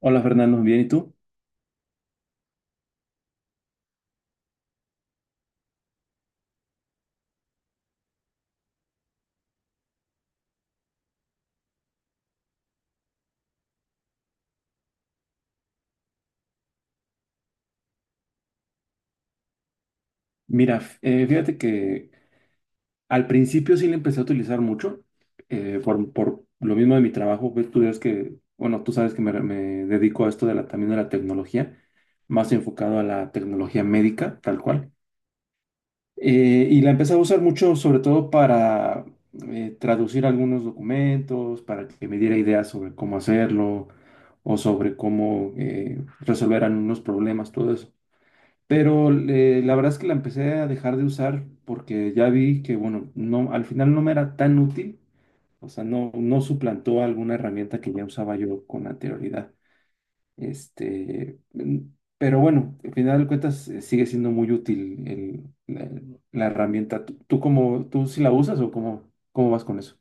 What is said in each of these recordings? Hola Fernando, bien, ¿y tú? Mira, fíjate que al principio sí le empecé a utilizar mucho, por lo mismo de mi trabajo, pues tú sabes que, bueno, tú sabes que me dedico a esto de la, también de la tecnología, más enfocado a la tecnología médica, tal cual. Y la empecé a usar mucho, sobre todo para traducir algunos documentos, para que me diera ideas sobre cómo hacerlo o sobre cómo resolver algunos problemas, todo eso. Pero la verdad es que la empecé a dejar de usar porque ya vi que, bueno, no, al final no me era tan útil, o sea, no suplantó alguna herramienta que ya usaba yo con anterioridad. Este, mm, pero bueno, al final de cuentas sigue siendo muy útil la herramienta. ¿Tú cómo, tú sí la usas o cómo, cómo vas con eso?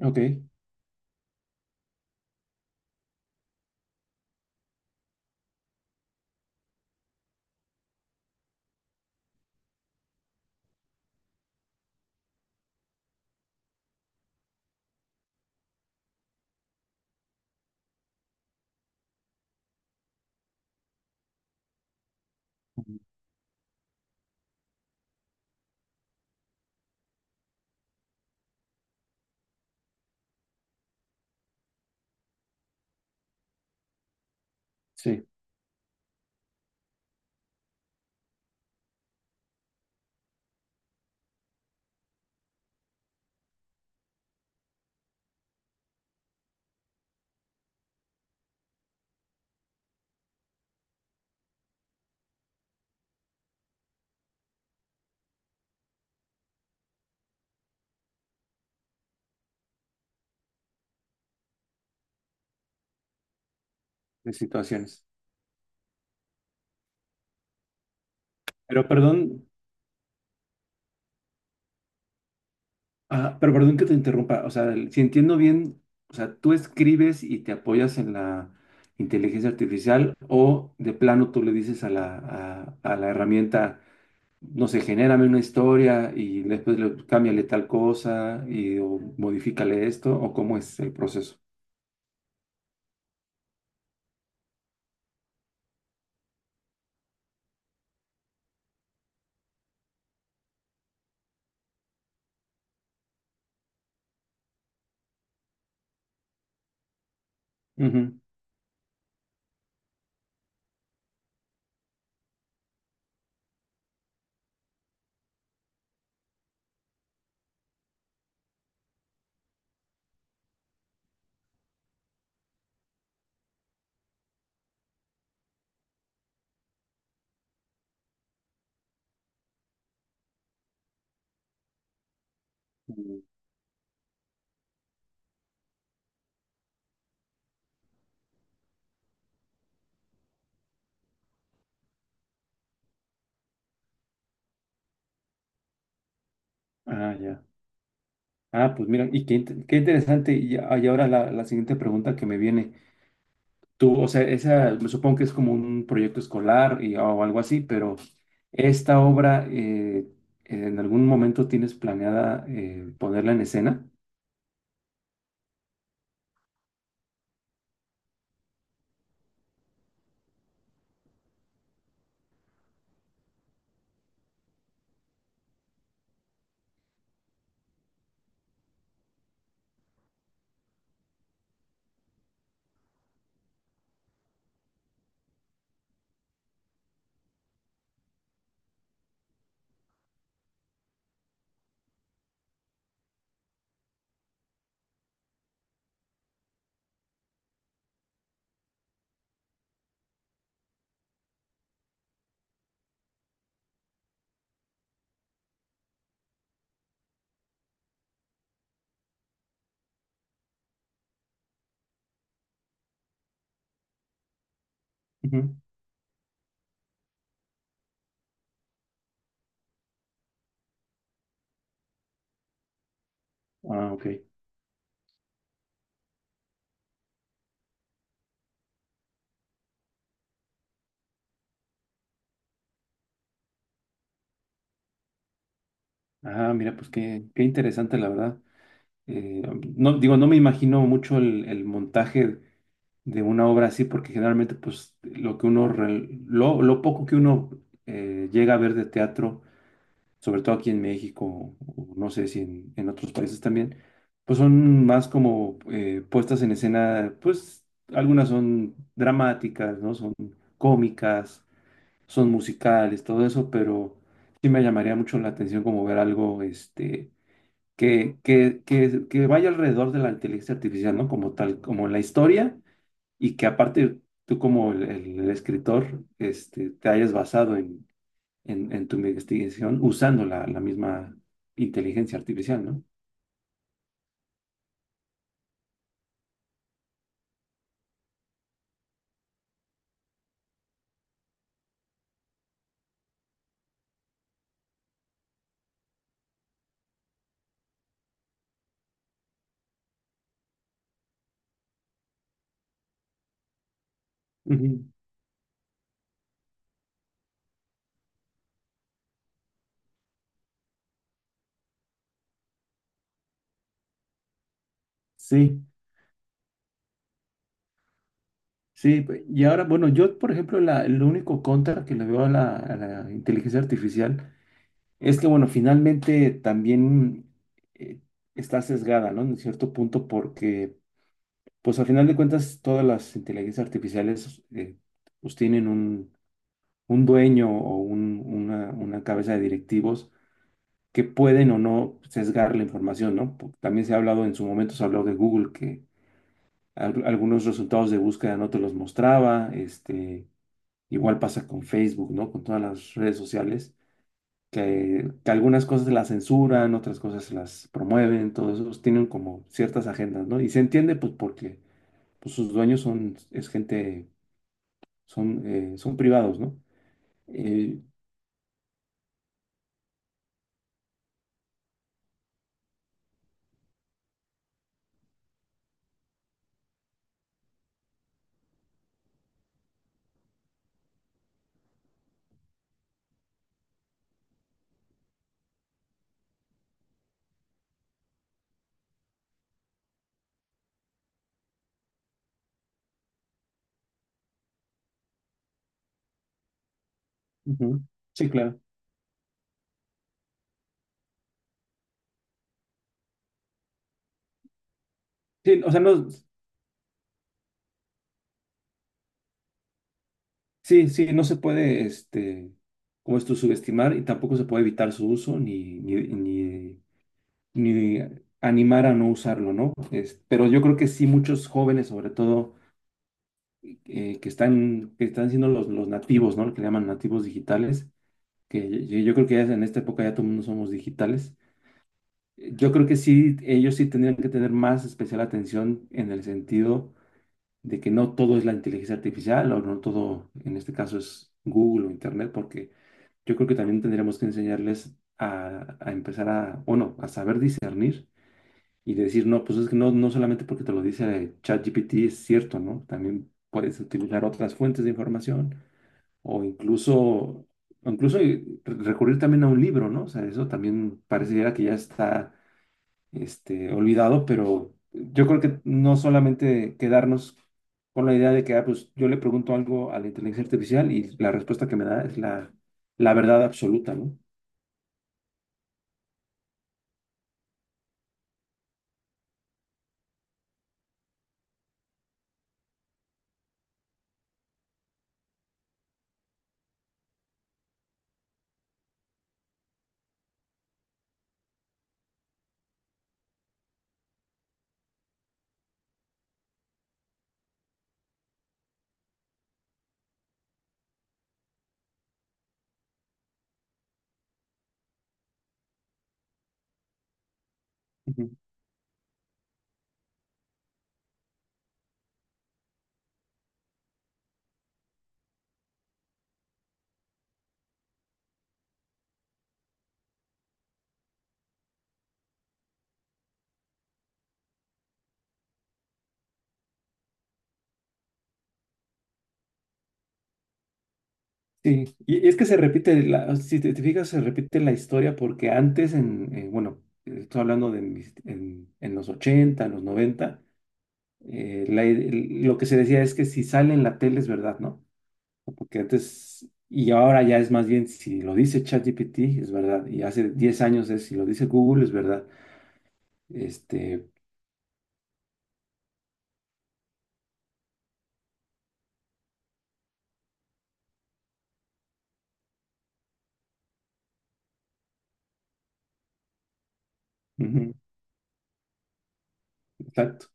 Ok. Ujú. Sí, de situaciones. Pero perdón. Ah, pero perdón que te interrumpa, o sea, el- si entiendo bien, o sea, tú escribes y te apoyas en la inteligencia artificial o de plano tú le dices a la herramienta, no sé, genérame una historia y después le, cámbiale tal cosa y o modifícale esto o cómo es el proceso. Ujú. Mm. Ah, ya. Ah, pues mira, y qué, int- qué interesante. Y, a- y ahora la siguiente pregunta que me viene. Tú, o sea, esa, me supongo que es como un proyecto escolar y, o algo así, pero esta obra, ¿en algún momento tienes planeada ponerla en escena? Ujú. Ah, ok. Ah, mira, pues qué, qué interesante, la verdad. Eh, no, digo, no me imagino mucho el montaje de una obra así, porque generalmente, pues, lo que uno, lo poco que uno llega a ver de teatro sobre todo aquí en México, o no sé si en, en otros países también, pues son más como puestas en escena, pues algunas son dramáticas, ¿no? Son cómicas, son musicales, todo eso, pero sí me llamaría mucho la atención como ver algo, este, que, que vaya alrededor de la inteligencia artificial, ¿no? Como tal, como la historia, y que aparte tú como el escritor, este, te hayas basado en en tu investigación usando la misma inteligencia artificial, ¿no? Ujú. Sí, sí. Pe- y ahora, bueno, yo, por ejemplo, la, el único contra que le veo a la inteligencia artificial es que, bueno, finalmente también eh, está sesgada, ¿no? En cierto punto, porque, pues, al final de cuentas, todas las inteligencias artificiales, pues, tienen un dueño o una cabeza de directivos que pueden o no sesgar la información, ¿no? Porque también se ha hablado en su momento, se ha hablado de Google que al- algunos resultados de búsqueda no te los mostraba, este, igual pasa con Facebook, ¿no? Con todas las redes sociales, que algunas cosas las censuran, otras cosas las promueven, todos esos tienen como ciertas agendas, ¿no? Y se entiende pues porque pues, sus dueños son, es gente, son, son privados, ¿no? Eh, ujú. Sí, claro. Sí, o sea, no, sí, sí, no se puede, este, como esto, subestimar y tampoco se puede evitar su uso ni, ni, ni, ni animar a no usarlo, ¿no? Es- pero yo creo que sí, muchos jóvenes, sobre todo, que están siendo los nativos, ¿no? Lo que llaman nativos digitales, que yo creo que ya en esta época ya todo el mundo somos digitales. Yo creo que sí, ellos sí tendrían que tener más especial atención en el sentido de que no todo es la inteligencia artificial o no todo, en este caso, es Google o Internet, porque yo creo que también tendríamos que enseñarles a empezar a, o no, a saber discernir y decir, no, pues es que no, no solamente porque te lo dice ChatGPT es cierto, ¿no? También puedes utilizar otras fuentes de información o incluso recurrir también a un libro, ¿no? O sea, eso también pareciera que ya está, este, olvidado, pero yo creo que no solamente quedarnos con la idea de que, ah, pues yo le pregunto algo a la inteligencia artificial y la respuesta que me da es la, la verdad absoluta, ¿no? Ujú. Sí, y es que se repite, la, si te, te fijas, se repite la historia porque antes, en, bueno, estoy hablando de mis- en los 80, en los 90, la lo que se decía es que si sale en la tele es verdad, ¿no? Porque antes, y ahora ya es más bien si lo dice ChatGPT es verdad, y hace 10 años es si lo dice Google es verdad. Este, ujú, exacto,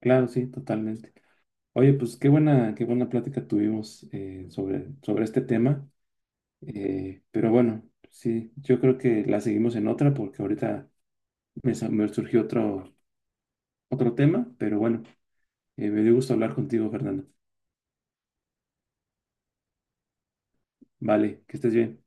claro, sí, totalmente. Oye, pues qué buena plática tuvimos sobre, sobre este tema. Pero bueno, sí, yo creo que la seguimos en otra porque ahorita me, sa- me surgió otro, otro tema, pero bueno, me dio gusto hablar contigo, Fernando. Vale, que estés bien.